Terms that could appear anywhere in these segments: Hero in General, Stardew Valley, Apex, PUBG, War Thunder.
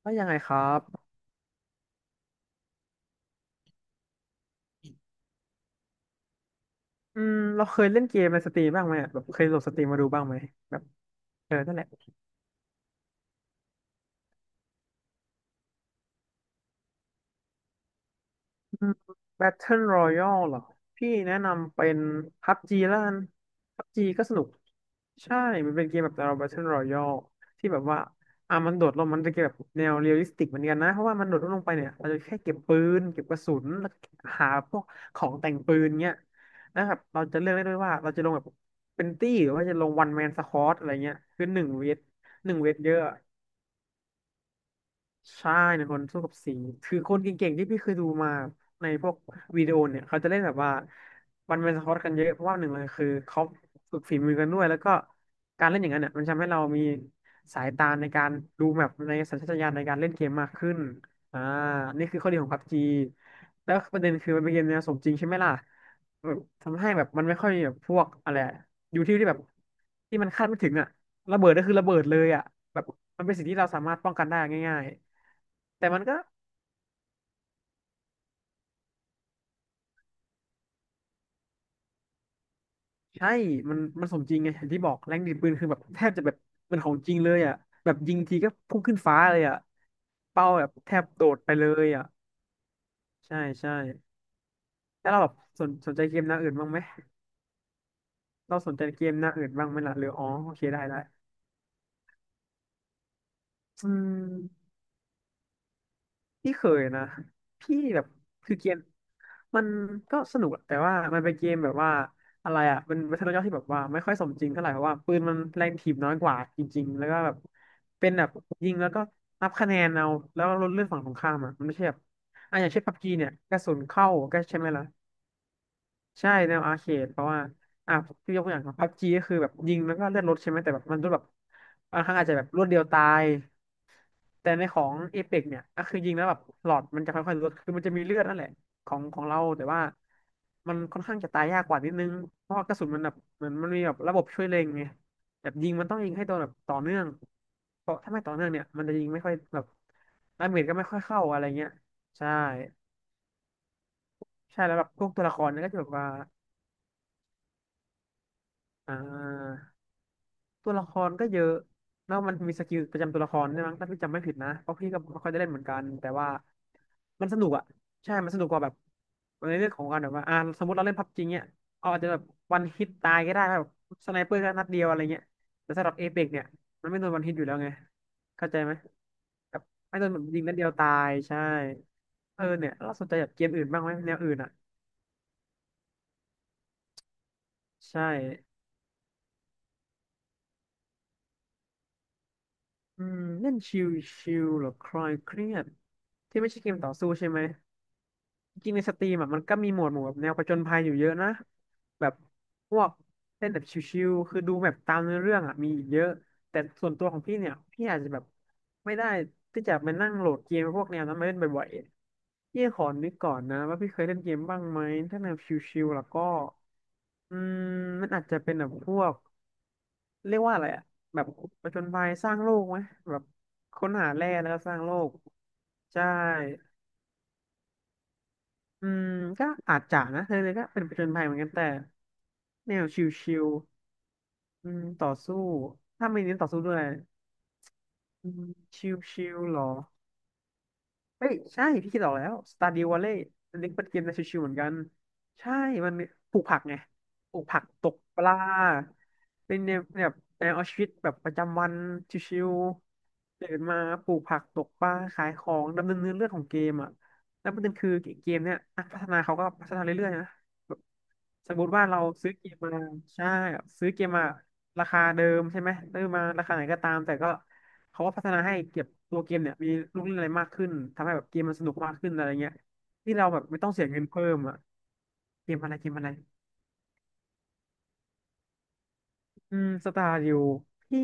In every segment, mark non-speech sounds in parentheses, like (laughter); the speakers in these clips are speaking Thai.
แล้วยังไงครับเราเคยเล่นเกมในสตรีมบ้างไหมอะแบบเคยโหลดสตรีมมาดูบ้างไหมแบบเออนั่นแหละ อืม Battle Royale เหรอพี่แนะนำเป็น PUBG แล้วกัน PUBG ก็สนุกใช่มันเป็นเกมแบบเรา Battle Royale ที่แบบว่ามันโดดลงมันเป็นเกมแบบแนวเรียลลิสติกเหมือนกันนะเพราะว่ามันโดดลงไปเนี่ยเราจะแค่เก็บปืนเก็บกระสุนแล้วก็หาพวกของแต่งปืนเงี้ยแล้วแบบเราจะเลือกได้ด้วยว่าเราจะลงแบบเป็นตี้หรือว่าจะลงวันแมนสควอตอะไรเงี้ยคือหนึ่งเวทเยอะ ใช่ในคนสู้กับสีคือคนเก่งๆที่พี่เคยดูมาในพวกวิดีโอเนี่ยเขาจะเล่นแบบว่ามันเป็นสควอตกันเยอะเพราะว่าหนึ่งเลยคือเขาฝึกฝีมือกันด้วยแล้วก็การเล่นอย่างนั้นเนี่ยมันทำให้เรามีสายตาในการดูแมปในสัญชาตญาณในการเล่นเกมมากขึ้นอ่านี่คือข้อดีของพับจีแล้วประเด็นคือมันเป็นเกมแนวสมจริงใช่ไหมล่ะแบบทำให้แบบมันไม่ค่อยแบบพวกอะไรอะอยู่ที่ที่แบบที่มันคาดไม่ถึงอะระเบิดก็คือระเบิดเลยอะแบบมันเป็นสิ่งที่เราสามารถป้องกันได้ง่าย แต่มันก็ใช่ มันสมจริงไงอย่างที่บอกแรงดีดปืนคือแบบแทบจะแบบเป็นของจริงเลยอ่ะแบบยิงทีก็พุ่งขึ้นฟ้าเลยอ่ะเป้าแบบแทบโดดไปเลยอ่ะใช่ใช่แล้วเราแบบสนใจเกมหน้าอื่นบ้างไหมเราสนใจเกมหน้าอื่นบ้างไหมล่ะหรืออ๋อโอเคได้ได้อืม พี่เคยนะพี่แบบคือเกมมันก็สนุกอะแต่ว่ามันเป็นเกมแบบว่าอะไรอ่ะมันเป็นบัตเทิลรยันย่อที่แบบว่าไม่ค่อยสมจริงเท่าไหร่เพราะว่าปืนมันแรงถีบน้อยกว่าจริงๆแล้วก็แบบเป็นแบบยิงแล้วก็นับคะแนนเอาแล้วก็ลดเลื่อนฝั่งตรงข้ามอะมันไม่ใช่แบบอ่ะอย่างเช่นพับจีเนี่ยกระสุนเข้าก็ใช่ไหมล่ะใช่แนวอาร์เคดเพราะว่าอ่ะพี่ยกตัวอย่างพับจีก็คือแบบยิงแล้วก็เลือดลดใช่ไหมแต่แบบมันรู้แบบบางครั้งอาจจะแบบรวดเดียวตาย แต่ในของเอ e ปกเนี่ยก็คือยิงแล้วแบบหลอดมันจะค่อยๆลดคือมันจะมีเลือดนั่นแหละของเราแต่ว่ามันค่อนข้างจะตายยากกว่านิดนึงเพราะว่ากระสุนมันแบบเหมือนมันมีแบบระบบช่วยเล็งไงแบบยิงมันต้องยิงให้โดนแบบต่อเนื่องเพราะถ้าไม่ต่อเนื่องเนี่ยมันจะยิงไม่ค่อยแบบดาเมจก็ไม่ค่อยเข้าอะไรเงี้ยใช่ใช่แล้วแบบพวกตัวละครเนี่ยก็จะแบบว่าอ่า ตัวละครก็เยอะแล้วมันมีสกิลประจำตัวละครใช่ไหมยถ้าพี่จำไม่ผิดนะเพราะพี่ก็ไม่ค่อยได้เล่นเหมือนกัน แต่ว่ามันสนุกอ่ะใช่มันสนุกกว่าแบบในเรื่องของการแบบว่าอ่าสมมติเราเล่นพับจริงเนี่ยเอาอาจจะแบบวันฮิตตายก็ได้แบบสไนเปอร์ก็นัดเดียวอะไรเงี้ย แต่สำหรับเอเปกเนี่ย มันไม่โดนวันฮิตอยู่แล้วไงเข้าใจไหมแบบไม่โดนแบบยิงนัดเดียวตายใช่เออเนี่ยเราสนใจแบบเกมอื่นบ้างไหมแนวอื่นอ่ะใช่เล่นชิลหรือคลายเครียดที่ไม่ใช่เกมต่อสู้ใช่ไหม จริงในสตรีมอ่ะมันก็มีโหมดหมู่แบบแนวผจญภัยอยู่เยอะนะแบบพวกเล่นแบบชิวๆคือดูแบบตามเนื้อเรื่องอ่ะมีอีกเยอะแต่ส่วนตัวของพี่เนี่ยพี่อาจจะแบบไม่ได้ที่จะมานั่งโหลดเกมพวกแนวนั้นมาเล่นบ่อยๆพี่ขอนึกก่อนนะว่าพี่เคยเล่นเกมบ้างไหมถ้าแนวชิวๆแล้วก็อืมมันอาจจะเป็นแบบพวกเรียกว่าอะไรอ่ะแบบผจญภัยสร้างโลกไหมแบบค้นหาแร่แล้วก็สร้างโลกใช่ อืมก็อาจจะนะเธอเลยก็เป็นผจญภัยเหมือนกันแต่แนวชิลๆต่อสู้ถ้าไม่เน้นต่อสู้ด้วยอืมชิลๆหรอ เอ้ยใช่พี่คิดออกแล้วสตาร์ดิววอลเล์อันนี้เป็นเกมในชิวๆเหมือนกันใช่มันปลูกผักไงปลูกผักตกปลาเป็นแนวแบบแนวเอาชีวิตแบบประจำวันชิวๆเดินมาปลูกผักตกปลาขายของดำเนินเนื้อเรื่องของเกมอ่ะแล้วประเด็นคือเกมเนี่ยนักพัฒนาเขาก็พัฒนาเรื่อยๆนะแบบสมมติว่าเราซื้อเกมมาใช่ซื้อเกมมาราคาเดิมใช่ไหมซื้อมาราคาไหนก็ตามแต่ก็ เขาก็พัฒนาให้เก็บตัวเกมเนี่ยมีลูกเล่นอะไรมากขึ้นทำให้แบบเกมมันสนุกมากขึ้นอะไรเงี้ยที่เราแบบไม่ต้องเสียเงินเพิ่มอ่ะเกมอะไรเกมอะไรอืมสตาร์ดิวพี่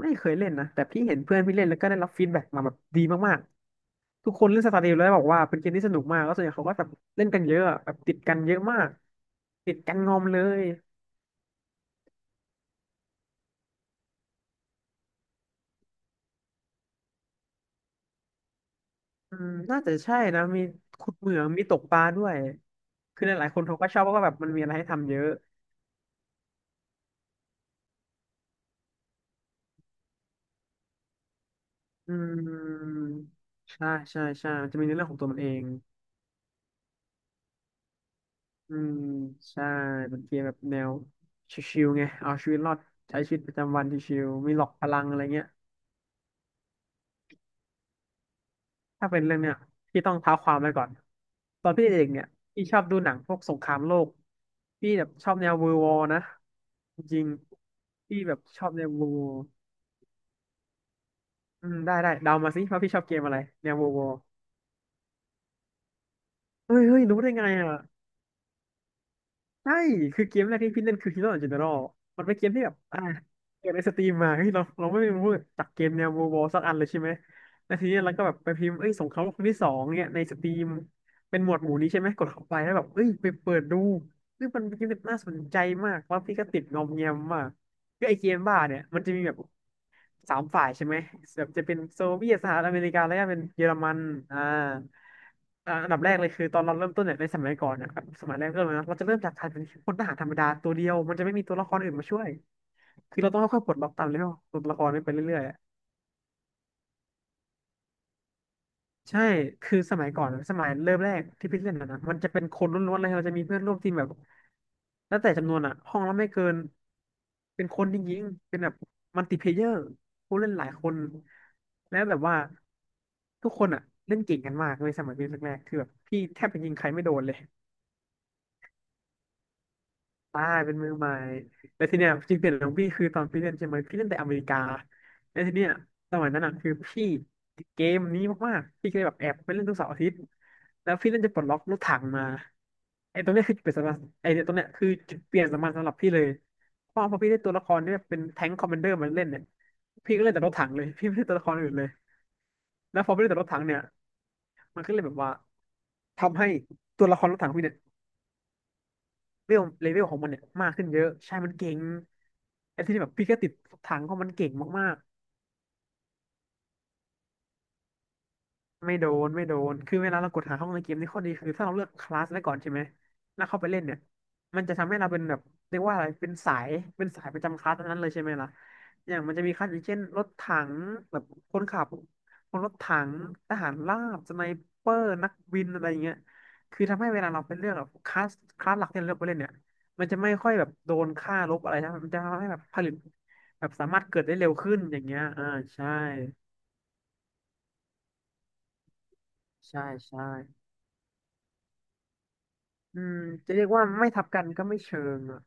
ไม่เคยเล่นนะแต่พี่เห็นเพื่อนพี่เล่นแล้วก็ได้รับฟีดแบ็กมาแบบดีมากๆทุกคนเล่นสตาร์ดิวแล้วบอกว่าเป็นเกมที่สนุกมากแล้วส่วนใหญ่เขาก็แบบเล่นกันเยอะอะแบบติดกันเยอะมากติดกันงอมเลยอืมน่าจะใช่นะมีขุดเหมืองมีตกปลาด้วยคือหลายๆคนเขาก็ชอบเพราะว่าแบบมันมีอะไรให้ทำเยอะ อืมใช่ใช่มันจะมีในเรื่องของตัวมันเองอืมใช่เป็นเกมแบบแนวชิวๆไงเอาชีวิตรอดใช้ชีวิตประจำวันชิวๆมีหลอกพลังอะไรเงี้ยถ้าเป็นเรื่องเนี้ยพี่ต้องเท้าความไปก่อนตอนพี่เด็กๆเนี่ยพี่ชอบดูหนังพวกสงครามโลกพี่แบบชอบแนวเวอร์วอร์นะจริงๆพี่แบบชอบแนวเวอ์วอร์อืมได้ได้เดามาสิว่าพี่ชอบเกมอะไรแนวเวอร์วอร์เฮ้ยเฮ้ยรู้ได้ไงอ่ะ ใช่ คือเกมแรกที่พี่เล่นคือ Hero in General มันเป็นเกมที่แบบเกิดในสตรีมมาเฮ้ยเราไม่รู้จักเกมแนว World War สักอันเลยใช่ไหมแล้วทีนี้เราก็แบบไปพิมพ์เอ้ยสงครามโลกครั้งที่สองเนี่ยในสตรีมเป็นหมวดหมู่นี้ใช่ไหม กดเข้าไปแล้วแบบเอ้ยไปเปิดดูเฮ้ยมันเป็นเกมที่น่าสนใจมากแล้วพี่ก็ติดงอมแงมมากคือไอเกมบ้าเนี่ยมันจะมีแบบ สามฝ่ายใช่ไหมแบบจะเป็นโซเวียตสหรัฐอเมริกาแล้วก็เป็นเยอรมันอ่าอ่าอันดับแรกเลยคือตอนเราเริ่มต้นเนี่ยในสมัยก่อนนะครับสมัยแรกเริ่มเลยนะเราจะเริ่มจากการเป็นพลทหารธรรมดาตัวเดียว มันจะไม่มีตัวละครอื่นมาช่วย คือเราต้องค่อยๆปลดล็อกตามเลเวลตัวละครนี้ไปเรื่อย ใช่ คือสมัยก่อน สมัยเริ่มแรกที่พี่เล่นนะมันจะเป็นคนล้วนๆเลยเราจะมีเพื่อนร่วมทีมแบบ แล้วแต่จำนวนอ่ะห้องละไม่เกิน เป็นคนจริงๆ เป็นแบบมัลติเพลเยอร์ผู้เล่นหลายคน แล้วแบบว่าทุกคนอ่ะเล่นเก่งกันมากเลยสมัยเริ่นแรกๆคือแบบพี่แทบจะยิงใครไม่โดนเลย ใช่เป็นมือใหม่แล้วทีเนี้ยจุดเปลี่ยนของพี่คือตอนพี่เล่นใช่ไหมพี่เล่นแต่อเมริกาแล้วทีเนี้ยสมัยนั้นอ่ะคือพี่ติดเกมนี้มากๆพี่ก็เลยแบบแอบไปเล่นทุกเสาร์อาทิตย์แล้วพี่เล่นจะปลดล็อกรถถังมาไอ้ตรงเนี้ยคือจุดเปลี่ยนสำคัญไอ้เนี่ยตรงเนี้ยคือจุดเปลี่ยนสำคัญสำหรับพี่เลยเพราะพอพี่ได้ตัวละครเนี่ยเป็นแทงค์คอมมานเดอร์มาเล่นเนี่ยพี่ก็เล่นแต่รถถังเลยพี่ไม่เล่นตัวละครอื่นเลยแล้วพอไม่เล่นแต่รถถังเนี่ยมันก็เลยแบบว่าทำให้ตัวละครรถถังพี่เนี่ย เวลเลเวลของมันเนี่ยมากขึ้นเยอะใช่มันเก่งไอ้ที่แบบพี่ก็ติดทางเพราะมันเก่งมาก ไม่โดน คือเวลาเรากดหาห้องในเกมนี่ข้อดีคือถ้าเราเลือกคลาสไว้ก่อนใช่ไหมแล้วเข้าไปเล่นเนี่ยมันจะทำให้เราเป็นแบบเรียกว่าอะไรเป็นสายเป็นสายประจำคลาสนั้นเลยใช่ไหมล่ะอย่างมันจะมีคลาสอย่างเช่นรถถังแบบคนขับคนรถถังทหารราบสไนเปอร์นักบินอะไรอย่างเงี้ยคือทำให้เวลาเราไปเลือกแบบคลาสคลาสหลักที่เราเลือกไปเล่นเนี่ยมันจะไม่ค่อยแบบโดนค่าลบอะไรนะมันจะทำให้แบบผลิตแบบสามารถเกิดได้เร็วขึ้นอย่างเงี้ยอ่าใช่ใช่ใช่ อืมจะเรียกว่าไม่ทับกันก็ไม่เชิงอ่ะ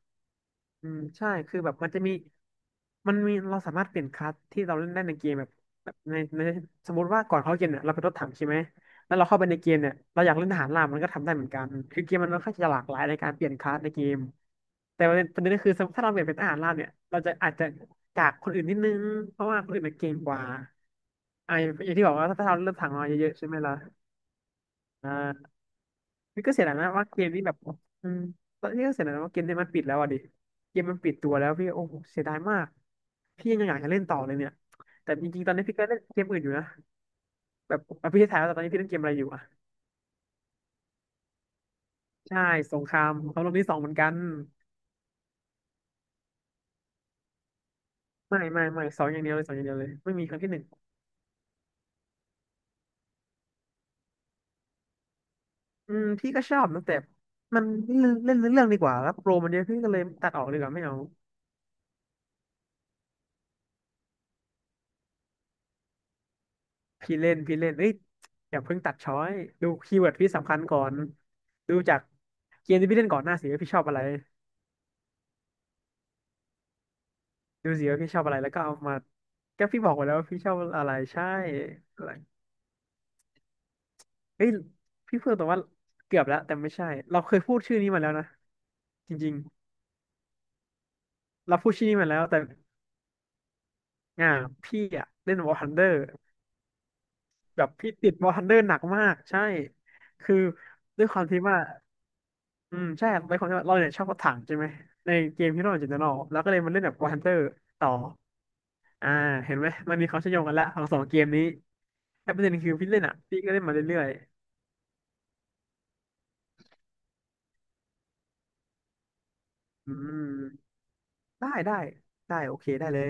อืมใช่คือแบบมันจะมีมันมีเราสามารถเปลี่ยนคลาสที่เราเล่นได้ในเกมแบบแบบในสมมติว่าก่อนเข้าเกมเนี่ยเราเป็นรถถังใช่ไหมแล้วเราเข้าไปในเกมเนี่ยเราอยากเล่นทหารราบมันก็ทำได้เหมือนกันคือเกมมันค่อนข้างจะหลากหลายในการเปลี่ยนคลาสในเกมแต่ประเด็นก็คือถ้าเราเปลี่ยนเป็นทหารราบเนี่ยเราจะอาจจะจากคนอื่นนิดนึงเพราะว่าคนอื่นมันเก่งกว่าอ่าอย่างที่บอกว่าถ้าเราเล่นถังมาเยอะๆใช่ไหมล่ะอ่า นี่ก็เสียดายนะว่าเกมนี้แบบอืมตอนนี้ก็เสียดายนะว่าเกมนี้มันปิดแล้วอ่ะดิเกมมันปิดตัวแล้วพี่โอ้โหเสียดายมากพี่ยังอยากจะเล่นต่อเลยเนี่ยแต่จริงๆตอนนี้พี่ก็เล่นเกมอื่นอยู่นะแบบอ่ะพี่จะถามว่าตอนนี้พี่เล่นเกมอะไรอยู่อ่ะใช่สงครามเขาลงที่สองเหมือนกันไม่สองอย่างเดียวเลยสองอย่างเดียวเลยไม่มีครั้งที่หนึ่งอืมพี่ก็ชอบนะแต่มันเล่นเล่นเรื่องดีกว่าแล้วโปรมันเยอะพี่ก็เลยตัดออกดีกว่าไม่เอา พี่เล่นเอ้ยอย่าเพิ่งตัดช้อยดูคีย์เวิร์ดพี่สำคัญก่อนดูจากเกมที่พี่เล่นก่อนหน้าสิว่าพี่ชอบอะไรดูสิว่าพี่ชอบอะไรแล้วก็เอามาก็พี่บอกไว้แล้วว่าพี่ชอบอะไรใช่อะไรเฮ้ยพี่เพิ่งแต่ว่าเกือบแล้วแต่ไม่ใช่เราเคยพูดชื่อนี้มาแล้วนะจริงๆเราพูดชื่อนี้มาแล้วแต่อ่าพี่อะเล่น War Thunder แบบพี่ติด War Thunder หนักมากใช่คือด้วยความที่ว่า อืมใช่ครับเป็นคนที่ว่าเราเนี่ยชอบรถถังใช่ไหมในเกมฮีโร่จินตนอแล้วก็เลยมาเล่นแบบวอร์ฮันเตอร์ต่ออ่าเห็นไหมมันมีความเชื่อมโยงกันละของสองเกมนี้แต่ประเด็นคือพี่เล่นอ่ะพี่ก็เล่นมาเรื่อยๆอืมได้ได้ได้โอเคได้เลย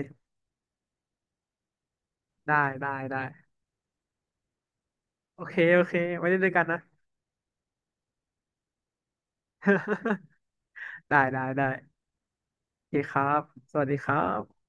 ได้ได้ได้โอเคโอเคไว้เล่นด้วยกันนะ (laughs) ได้ได้ได้โอเคครับสวัสดีครับ